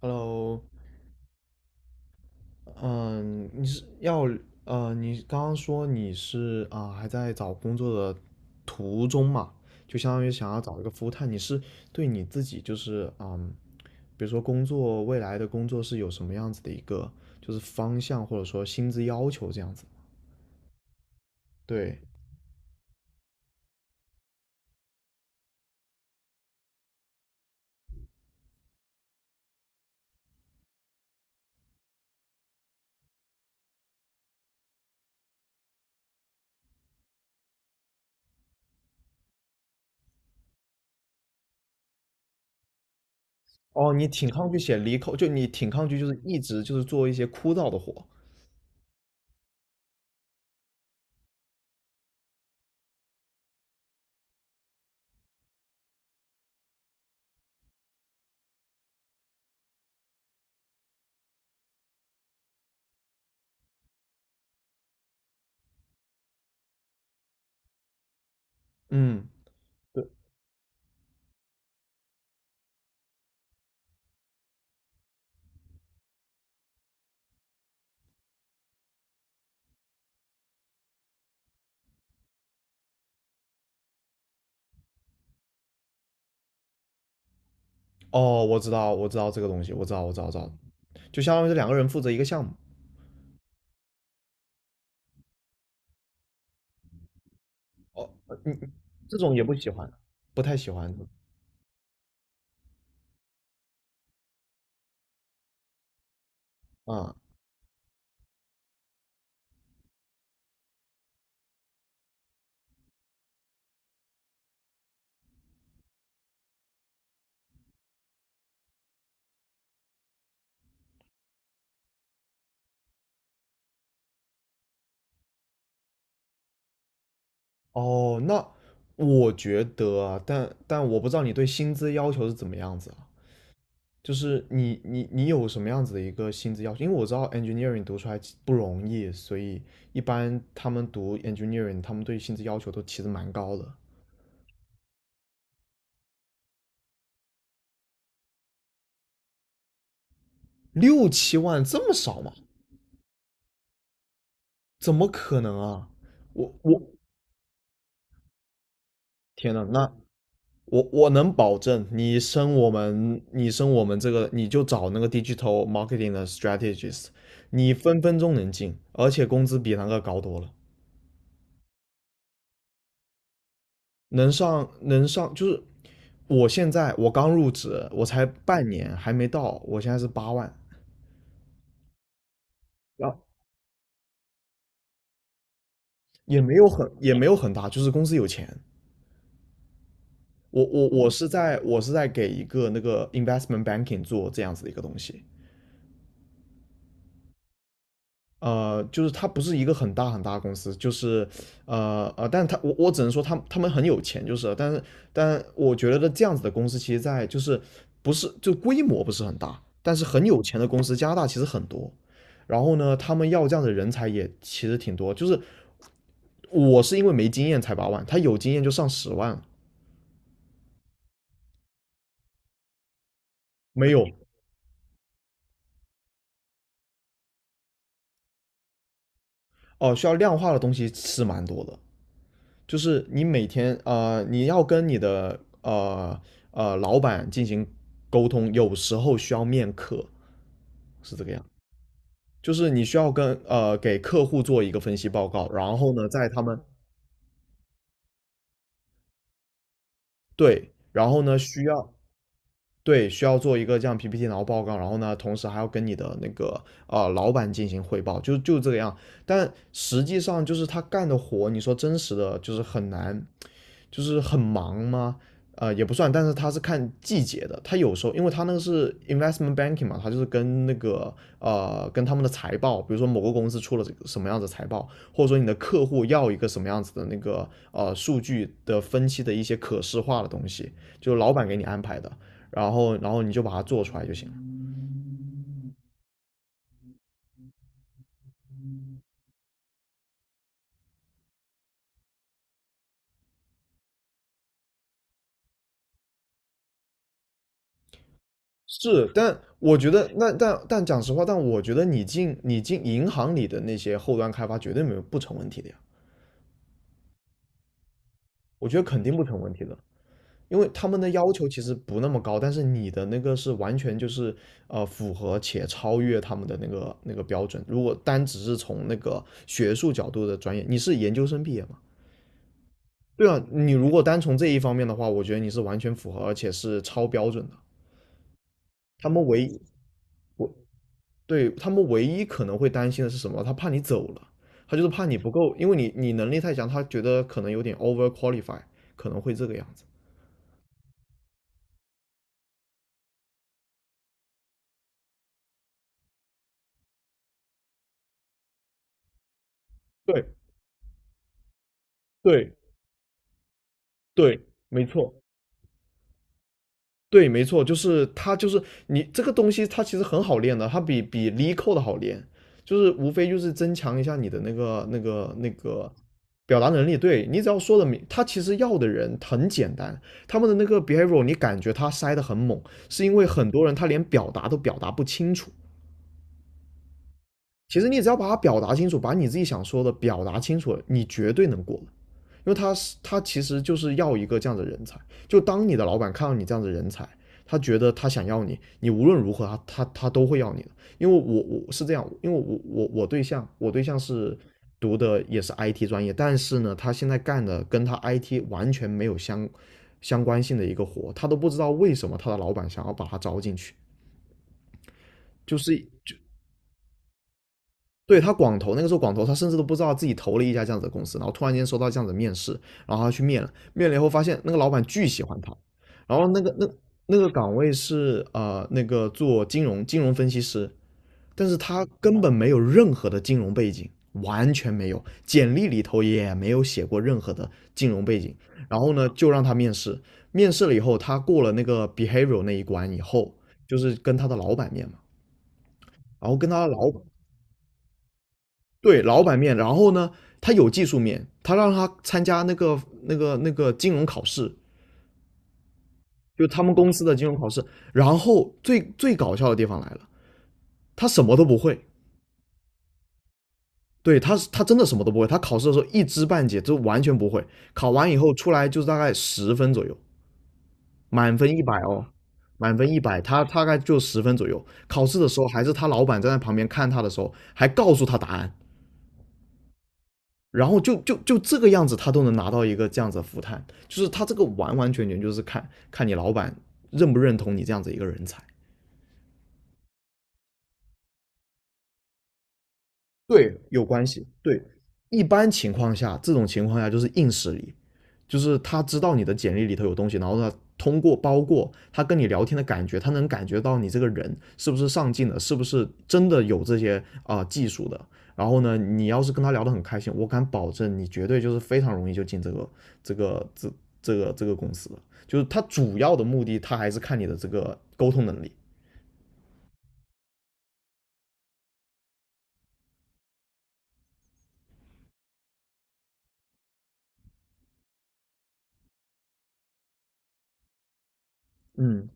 Hello。嗯，你是要呃，你刚刚说你是还在找工作的途中嘛？就相当于想要找一个 full time。你是对你自己比如说未来的工作是有什么样子的一个就是方向或者说薪资要求这样子？对。哦，你挺抗拒写离口，就你挺抗拒就是一直就是做一些枯燥的活。嗯。对。哦，我知道，我知道这个东西，我知道，我知道，我知道，就相当于是两个人负责一个项目。哦，呃嗯，嗯这种也不喜欢，不太喜欢啊。哦。那我觉得啊，但我不知道你对薪资要求是怎么样子啊？就是你有什么样子的一个薪资要求？因为我知道 engineering 读出来其不容易，所以一般他们读 engineering,他们对薪资要求都其实蛮高的。六七万这么少吗？怎么可能啊？我我天呐。那我能保证，你升我们这个，你就找那个 digital marketing 的 strategist,你分分钟能进，而且工资比那个高多了。能上能上就是我现在我刚入职，我才半年还没到，我现在是八万。然后也没有很大，就是公司有钱。我是在给一个那个 investment banking 做这样子的一个东西。就是他不是一个很大很大的公司，但他我只能说他们很有钱，但是但我觉得这样子的公司其实在就是不是就规模不是很大，但是很有钱的公司，加拿大其实很多。然后呢，他们要这样的人才也其实挺多，就是我是因为没经验才八万，他有经验就上10万了。没有。哦，需要量化的东西是蛮多的。就是你每天你要跟你的老板进行沟通，有时候需要面客，是这个样。就是你需要给客户做一个分析报告，然后呢，在他们对。然后呢需要。对。需要做一个这样 PPT 然后报告，然后呢，同时还要跟你的那个老板进行汇报，就这个样。但实际上就是他干的活，你说真实的就是很难，就是很忙吗？也不算，但是他是看季节的。他有时候，因为他那个是 investment banking 嘛，他就是跟那个呃，跟他们的财报，比如说某个公司出了什么样子财报，或者说你的客户要一个什么样子的那个数据的分析的一些可视化的东西，就是老板给你安排的，然后你就把它做出来就行了。是，但我觉得但讲实话，但我觉得你进银行里的那些后端开发绝对没有不成问题的呀，我觉得肯定不成问题的。因为他们的要求其实不那么高，但是你的那个是完全就是符合且超越他们的那个标准。如果单只是从那个学术角度的专业，你是研究生毕业嘛？对啊，你如果单从这一方面的话，我觉得你是完全符合，而且是超标准的。他们唯一我对他们唯一可能会担心的是什么？他怕你走了，他就是怕你不够，因为你能力太强，他觉得可能有点 over qualify,可能会这个样子。对对对，没错。对，没错，就是它，就是你这个东西，它其实很好练的，它比 l e c o d 好练，就是无非就是增强一下你的那个表达能力。对你只要说的明，他其实要的人很简单，他们的那个 behavior 你感觉他塞的很猛，是因为很多人他连表达都表达不清楚。其实你只要把它表达清楚，把你自己想说的表达清楚了，你绝对能过。因为他是他其实就是要一个这样的人才。就当你的老板看到你这样的人才，他觉得他想要你，你无论如何他都会要你的。因为我是这样，因为我对象是读的也是 IT 专业，但是呢，他现在干的跟他 IT 完全没有相关性的一个活，他都不知道为什么他的老板想要把他招进去，就是就对他广投那个时候广投他甚至都不知道自己投了一家这样子的公司，然后突然间收到这样子的面试，然后他去面了，面了以后发现那个老板巨喜欢他，然后那个岗位是那个做金融分析师，但是他根本没有任何的金融背景，完全没有，简历里头也没有写过任何的金融背景，然后呢就让他面试，面试了以后他过了那个 behavior 那一关以后，就是跟他的老板面嘛，然后跟他的老板。对。老板面。然后呢，他有技术面，他让他参加那个金融考试，就他们公司的金融考试。然后最最搞笑的地方来了，他什么都不会。对。他真的什么都不会，他考试的时候一知半解，就完全不会。考完以后出来就是大概十分左右，满分一百哦，满分一百，他大概就十分左右。考试的时候还是他老板站在旁边看他的时候，还告诉他答案。然后就这个样子，他都能拿到一个这样子的复探，就是他这个完完全全就是看你老板认不认同你这样子一个人才。对，有关系。对，一般情况下，这种情况下就是硬实力，就是他知道你的简历里头有东西，然后他通过包括他跟你聊天的感觉，他能感觉到你这个人是不是上进的，是不是真的有这些技术的。然后呢，你要是跟他聊得很开心，我敢保证你绝对就是非常容易就进这个这这个公司了。就是他主要的目的，他还是看你的这个沟通能力。嗯，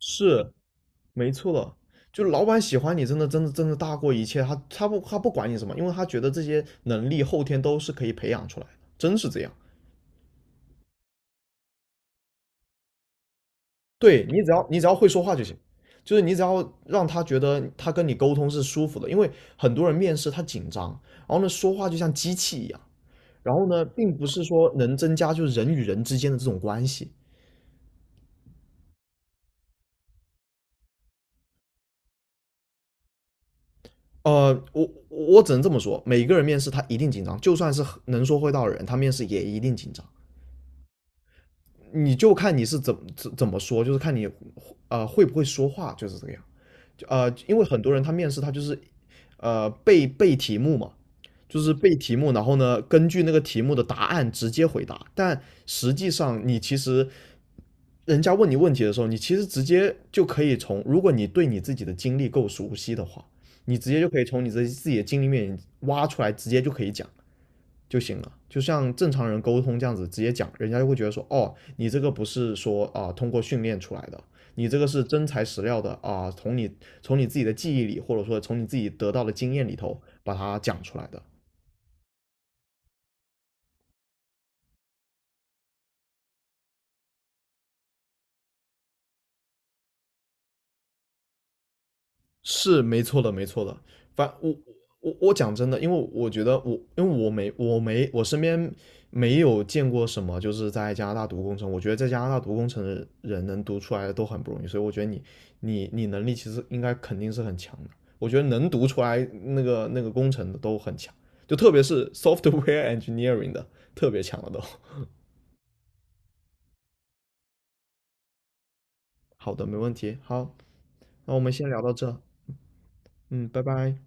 是没错了，就老板喜欢你，真的真的真的大过一切。他不管你什么，因为他觉得这些能力后天都是可以培养出来的，真是这样。对你只要会说话就行，就是你只要让他觉得他跟你沟通是舒服的，因为很多人面试他紧张，然后呢说话就像机器一样，然后呢并不是说能增加就是人与人之间的这种关系。我只能这么说，每个人面试他一定紧张，就算是很能说会道的人，他面试也一定紧张。你就看你是怎么说，就是看你会不会说话，就是这个样。因为很多人他面试他就是背题目嘛，就是背题目，然后呢根据那个题目的答案直接回答。但实际上你其实人家问你问题的时候，你其实直接就可以从，如果你对你自己的经历够熟悉的话，你直接就可以从你自己自己的经历面挖出来，直接就可以讲。就行了，就像正常人沟通这样子直接讲，人家就会觉得说，哦，你这个不是说通过训练出来的，你这个是真材实料的啊，从你从你自己的记忆里，或者说从你自己得到的经验里头把它讲出来的。是没错的，没错的。反我我我讲真的，因为我觉得我因为我没我没我身边没有见过什么就是在加拿大读工程，我觉得在加拿大读工程的人能读出来的都很不容易，所以我觉得你能力其实应该肯定是很强的。我觉得能读出来那个工程的都很强，就特别是 software engineering 的特别强了都。好的，没问题。好，那我们先聊到这。嗯，拜拜。